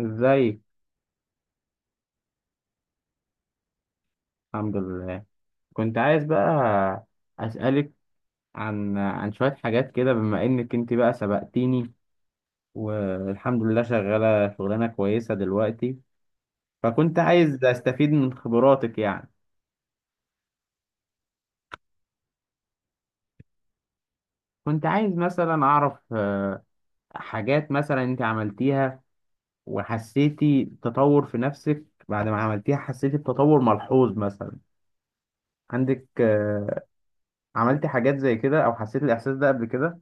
ازيك؟ الحمد لله. كنت عايز بقى اسالك عن شويه حاجات كده، بما انك انت بقى سبقتيني، والحمد لله شغاله شغلانه كويسه دلوقتي، فكنت عايز استفيد من خبراتك يعني. كنت عايز مثلا اعرف حاجات مثلا انت عملتيها وحسيتي تطور في نفسك، بعد ما عملتيها حسيتي بتطور ملحوظ مثلا عندك، عملتي حاجات زي كده او حسيت الاحساس ده قبل كده؟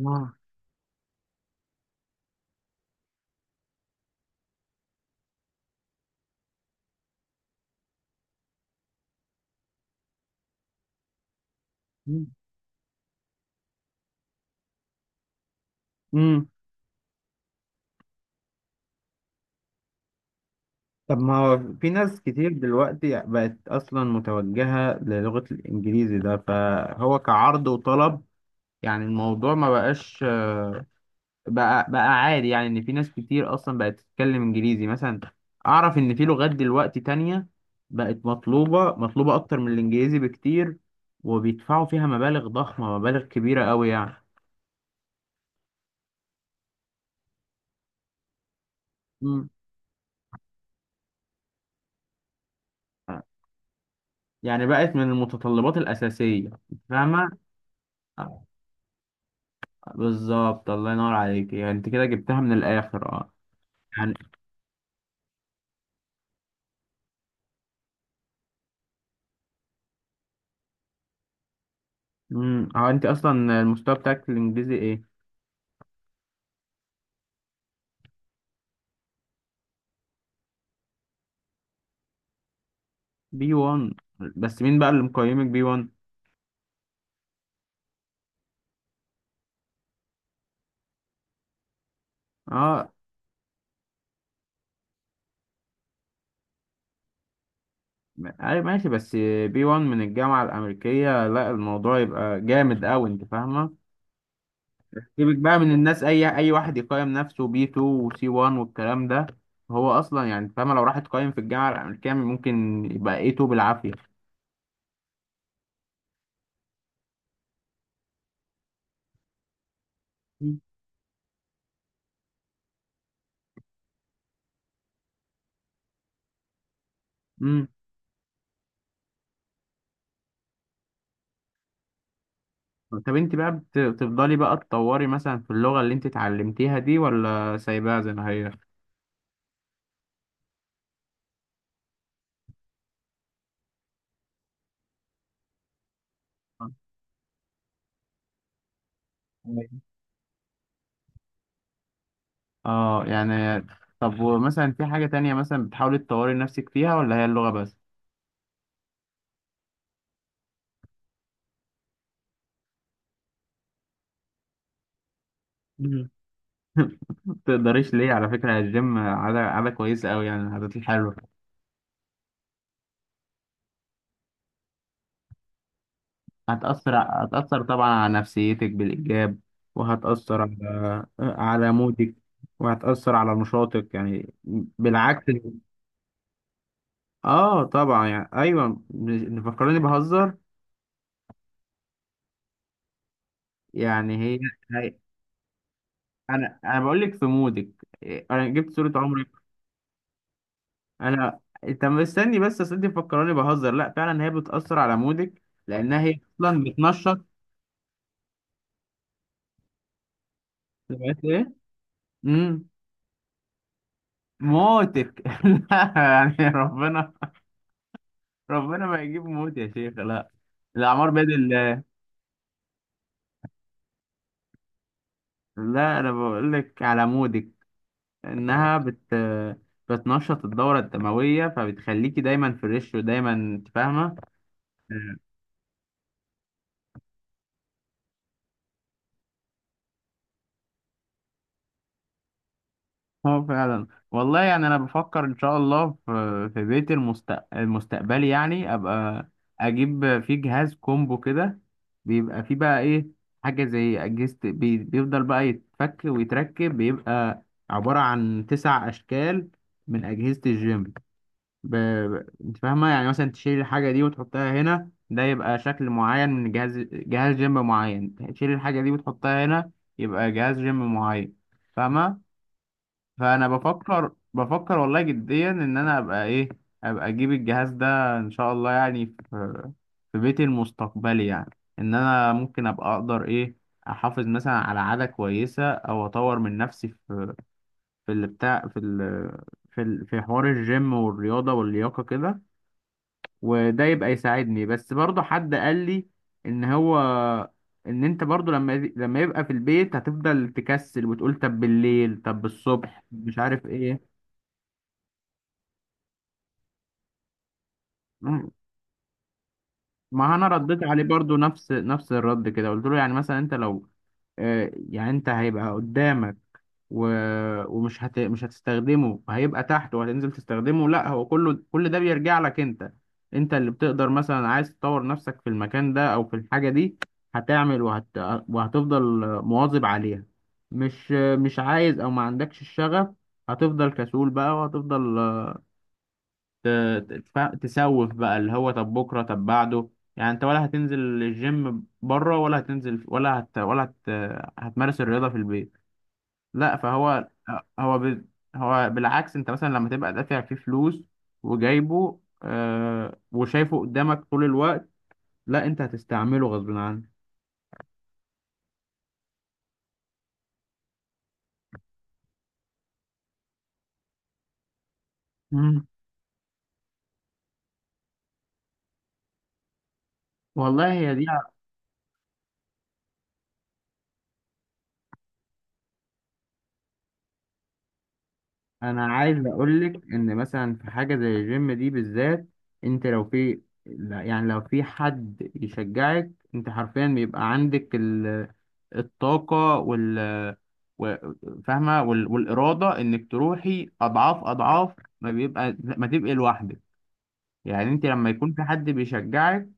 آه. مم. مم. طب ما هو في ناس كتير دلوقتي بقت أصلا متوجهة للغة الإنجليزي ده، فهو كعرض وطلب يعني. الموضوع ما بقاش بقى عادي، يعني إن في ناس كتير أصلا بقت تتكلم إنجليزي مثلا. أعرف إن في لغات دلوقتي تانية بقت مطلوبة مطلوبة أكتر من الإنجليزي بكتير، وبيدفعوا فيها مبالغ ضخمة، مبالغ كبيرة أوي يعني. مم. يعني بقت من المتطلبات الأساسية. فاهمة. بالظبط، الله ينور عليك، يعني انت كده جبتها من الاخر، اه. يعني هو انت اصلا المستوى بتاعك في الانجليزي ايه؟ بي 1؟ بس مين بقى اللي مقيمك بي 1؟ اه. اي ماشي، بس بي 1 من الجامعة الامريكية؟ لا الموضوع يبقى جامد قوي، انت فاهمة. سيبك بقى من الناس، اي واحد يقيم نفسه بي 2 وسي 1 والكلام ده، هو اصلا يعني فاهمة، لو راح تقيم في الجامعة الامريكية ممكن يبقى اي 2 بالعافية. مم. طب انت بقى بتفضلي بقى تطوري مثلا في اللغة اللي انت اتعلمتيها دي، ولا سايباها زي ما هي؟ اه يعني. طب ومثلا في حاجة تانية مثلا بتحاولي تطوري نفسك فيها، ولا هي اللغة بس؟ مم. ما تقدريش ليه؟ على فكرة الجيم عادة عادة كويسة أوي، يعني العادات الحلوة هتأثر هتأثر طبعا على نفسيتك بالإيجاب، وهتأثر على مودك، وهتأثر على نشاطك يعني، بالعكس. اه طبعا، يعني أيوه، فكرني بهزر. يعني هي انا بقول لك في مودك، إيه، انا جبت صورة عمرك. انا، انت مستني، بس اصل انت مفكراني بهزر، لا فعلا هي بتأثر على مودك، لانها هي اصلا بتنشط. سمعت ايه؟ امم موتك لا، يعني ربنا ما يجيب موت يا شيخ، لا، الاعمار بيد الله. لا، انا بقول لك على مودك، انها بتنشط الدورة الدموية، فبتخليكي دايما فريش، ودايما انت فاهمة. اه فعلا والله، يعني انا بفكر ان شاء الله في بيت المستقبلي، يعني ابقى اجيب فيه جهاز كومبو كده، بيبقى فيه بقى ايه، حاجه زي اجهزه بيفضل بقى يتفك ويتركب، بيبقى عباره عن 9 اشكال من اجهزه الجيم، انت فاهمه؟ يعني مثلا تشيل الحاجه دي وتحطها هنا، ده يبقى شكل معين من جهاز جيم معين، تشيل الحاجه دي وتحطها هنا يبقى جهاز جيم معين، فاهمه. فانا بفكر والله جديا ان انا ابقى ايه، ابقى اجيب الجهاز ده ان شاء الله، يعني في بيتي المستقبلي، يعني ان انا ممكن ابقى اقدر ايه، احافظ مثلا على عادة كويسة، او اطور من نفسي في اللي بتاع في حوار الجيم والرياضة واللياقة كده. وده يبقى يساعدني، بس برضه حد قال لي ان هو، ان انت برضه لما يبقى في البيت هتفضل تكسل، وتقول طب بالليل طب بالصبح، مش عارف ايه. ما انا رديت عليه برضو نفس نفس الرد كده، قلت له يعني مثلا انت لو يعني انت هيبقى قدامك، و... ومش مش هتستخدمه؟ هيبقى تحت وهتنزل تستخدمه؟ لا، هو كله كل ده بيرجع لك انت، انت اللي بتقدر. مثلا عايز تطور نفسك في المكان ده او في الحاجة دي، هتعمل وهتفضل مواظب عليها. مش عايز او ما عندكش الشغف، هتفضل كسول بقى، وهتفضل ت- تسوف بقى، اللي هو طب بكره طب بعده. يعني انت ولا هتنزل الجيم بره، ولا هتنزل ولا هت هتمارس الرياضه في البيت؟ لا، فهو، هو ب... هو بالعكس، انت مثلا لما تبقى دافع فيه فلوس، وجايبه وشايفه قدامك طول الوقت، لا، انت هتستعمله غصب عنك. مم. والله هي دي. انا عايز اقولك ان مثلا في حاجه زي الجيم دي بالذات، انت لو في، لا، يعني لو في حد يشجعك، انت حرفيا بيبقى عندك الطاقه و- فاهمه، والاراده انك تروحي اضعاف اضعاف ما بيبقى، ما تبقي لوحدك. يعني انت لما يكون في حد بيشجعك،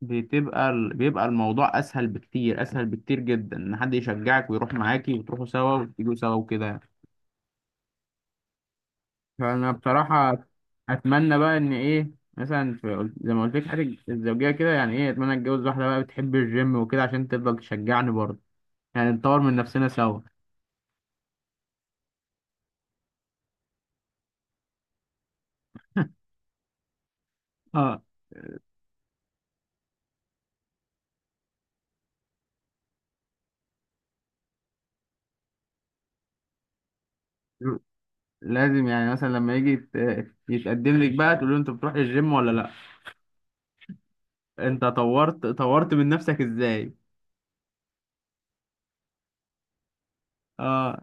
بيبقى الموضوع اسهل بكتير، اسهل بكتير جدا، ان حد يشجعك ويروح معاكي وتروحوا سوا وتيجوا سوا وكده. فانا بصراحه اتمنى بقى ان ايه، مثلا في زي ما قلت لك حاجه الزوجيه كده، يعني ايه، اتمنى اتجوز واحده بقى بتحب الجيم وكده، عشان تفضل تشجعني برضه، يعني نطور من نفسنا سوا. اه. لازم يعني مثلا لما يجي يتقدم لك بقى، تقول له انت بتروح الجيم ولا لا؟ انت طورت من نفسك ازاي؟ اه.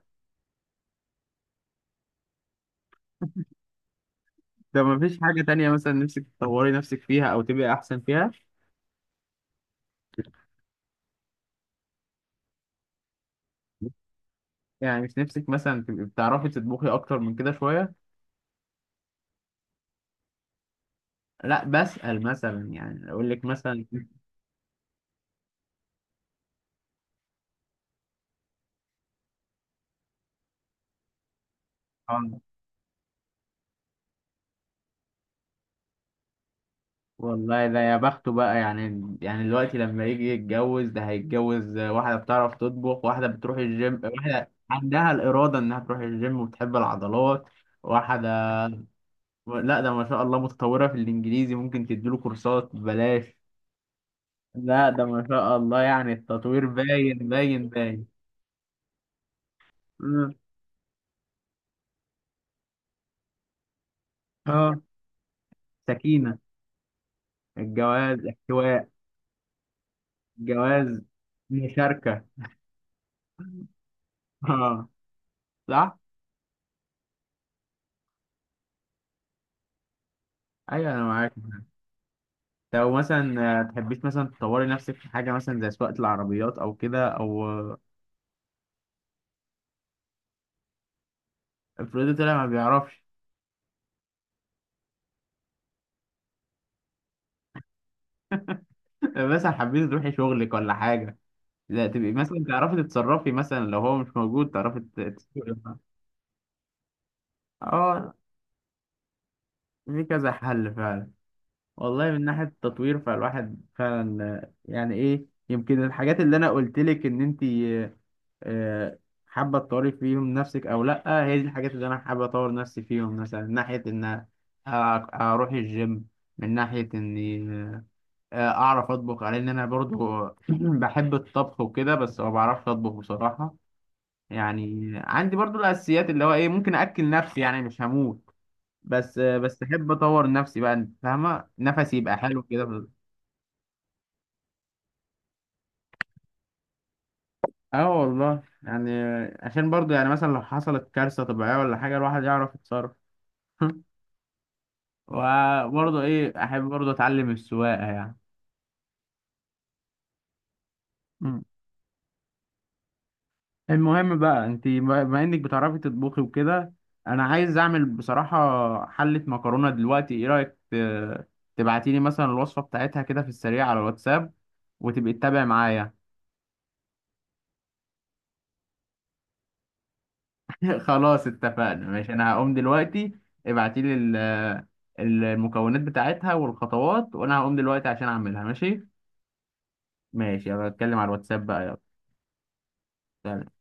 ده ما فيش حاجه تانية مثلا نفسك تطوري نفسك فيها او تبقي احسن فيها؟ يعني مش نفسك مثلا تبقي بتعرفي تطبخي اكتر من كده شويه؟ لا بسأل، مثلا يعني اقول لك مثلا. آه. والله ده يا بخته بقى، يعني دلوقتي لما يجي يتجوز، ده هيتجوز واحدة بتعرف تطبخ، واحدة بتروح الجيم، واحدة عندها الإرادة إنها تروح الجيم وبتحب العضلات، واحدة، لا ده ما شاء الله متطورة في الإنجليزي، ممكن تديله كورسات ببلاش. لا ده ما شاء الله يعني التطوير باين باين باين. مم. اه. سكينة. الجواز احتواء. جواز مشاركة. اه. صح؟ أيوه أنا معاك. لو مثلا تحبيش مثلا تطوري نفسك في حاجة مثلا زي سواقة العربيات، أو كده، أو افرضي طلع ما بيعرفش؟ مثلا حبيتي تروحي شغلك ولا حاجة، لا تبقي مثلا تعرفي تتصرفي، مثلا لو هو مش موجود تعرفي تتصرفي. اه. في كذا حل فعلا. والله من ناحية التطوير، فالواحد فعلا يعني ايه، يمكن الحاجات اللي انا قلت لك ان انت آه، حابة تطوري فيهم نفسك أو لأ، هي دي الحاجات اللي أنا حابة أطور نفسي فيهم. مثلا من ناحية إن أ- أروح الجيم، من ناحية إني أعرف أطبخ، على إن أنا برضو بحب الطبخ وكده، بس ما بعرفش أطبخ بصراحة. يعني عندي برضو الأساسيات، اللي هو إيه، ممكن أكل نفسي يعني، مش هموت. بس بس أحب أطور نفسي بقى، أنت فاهمة، نفسي يبقى حلو كده. اه والله يعني، عشان برضو يعني مثلا لو حصلت كارثة طبيعية ولا حاجة، الواحد يعرف يتصرف. وبرضه ايه، احب برضه اتعلم السواقه يعني. مم. المهم بقى، انت بما انك بتعرفي تطبخي وكده، انا عايز اعمل بصراحة حلة مكرونة دلوقتي، ايه رأيك تبعتيلي مثلا الوصفة بتاعتها كده في السريع على الواتساب، وتبقي تتابعي معايا؟ خلاص اتفقنا، ماشي، انا هقوم دلوقتي، ابعتيلي المكونات بتاعتها والخطوات، وانا هقوم دلوقتي عشان اعملها، ماشي. ماشي، يلا، اتكلم على الواتساب بقى. يلا.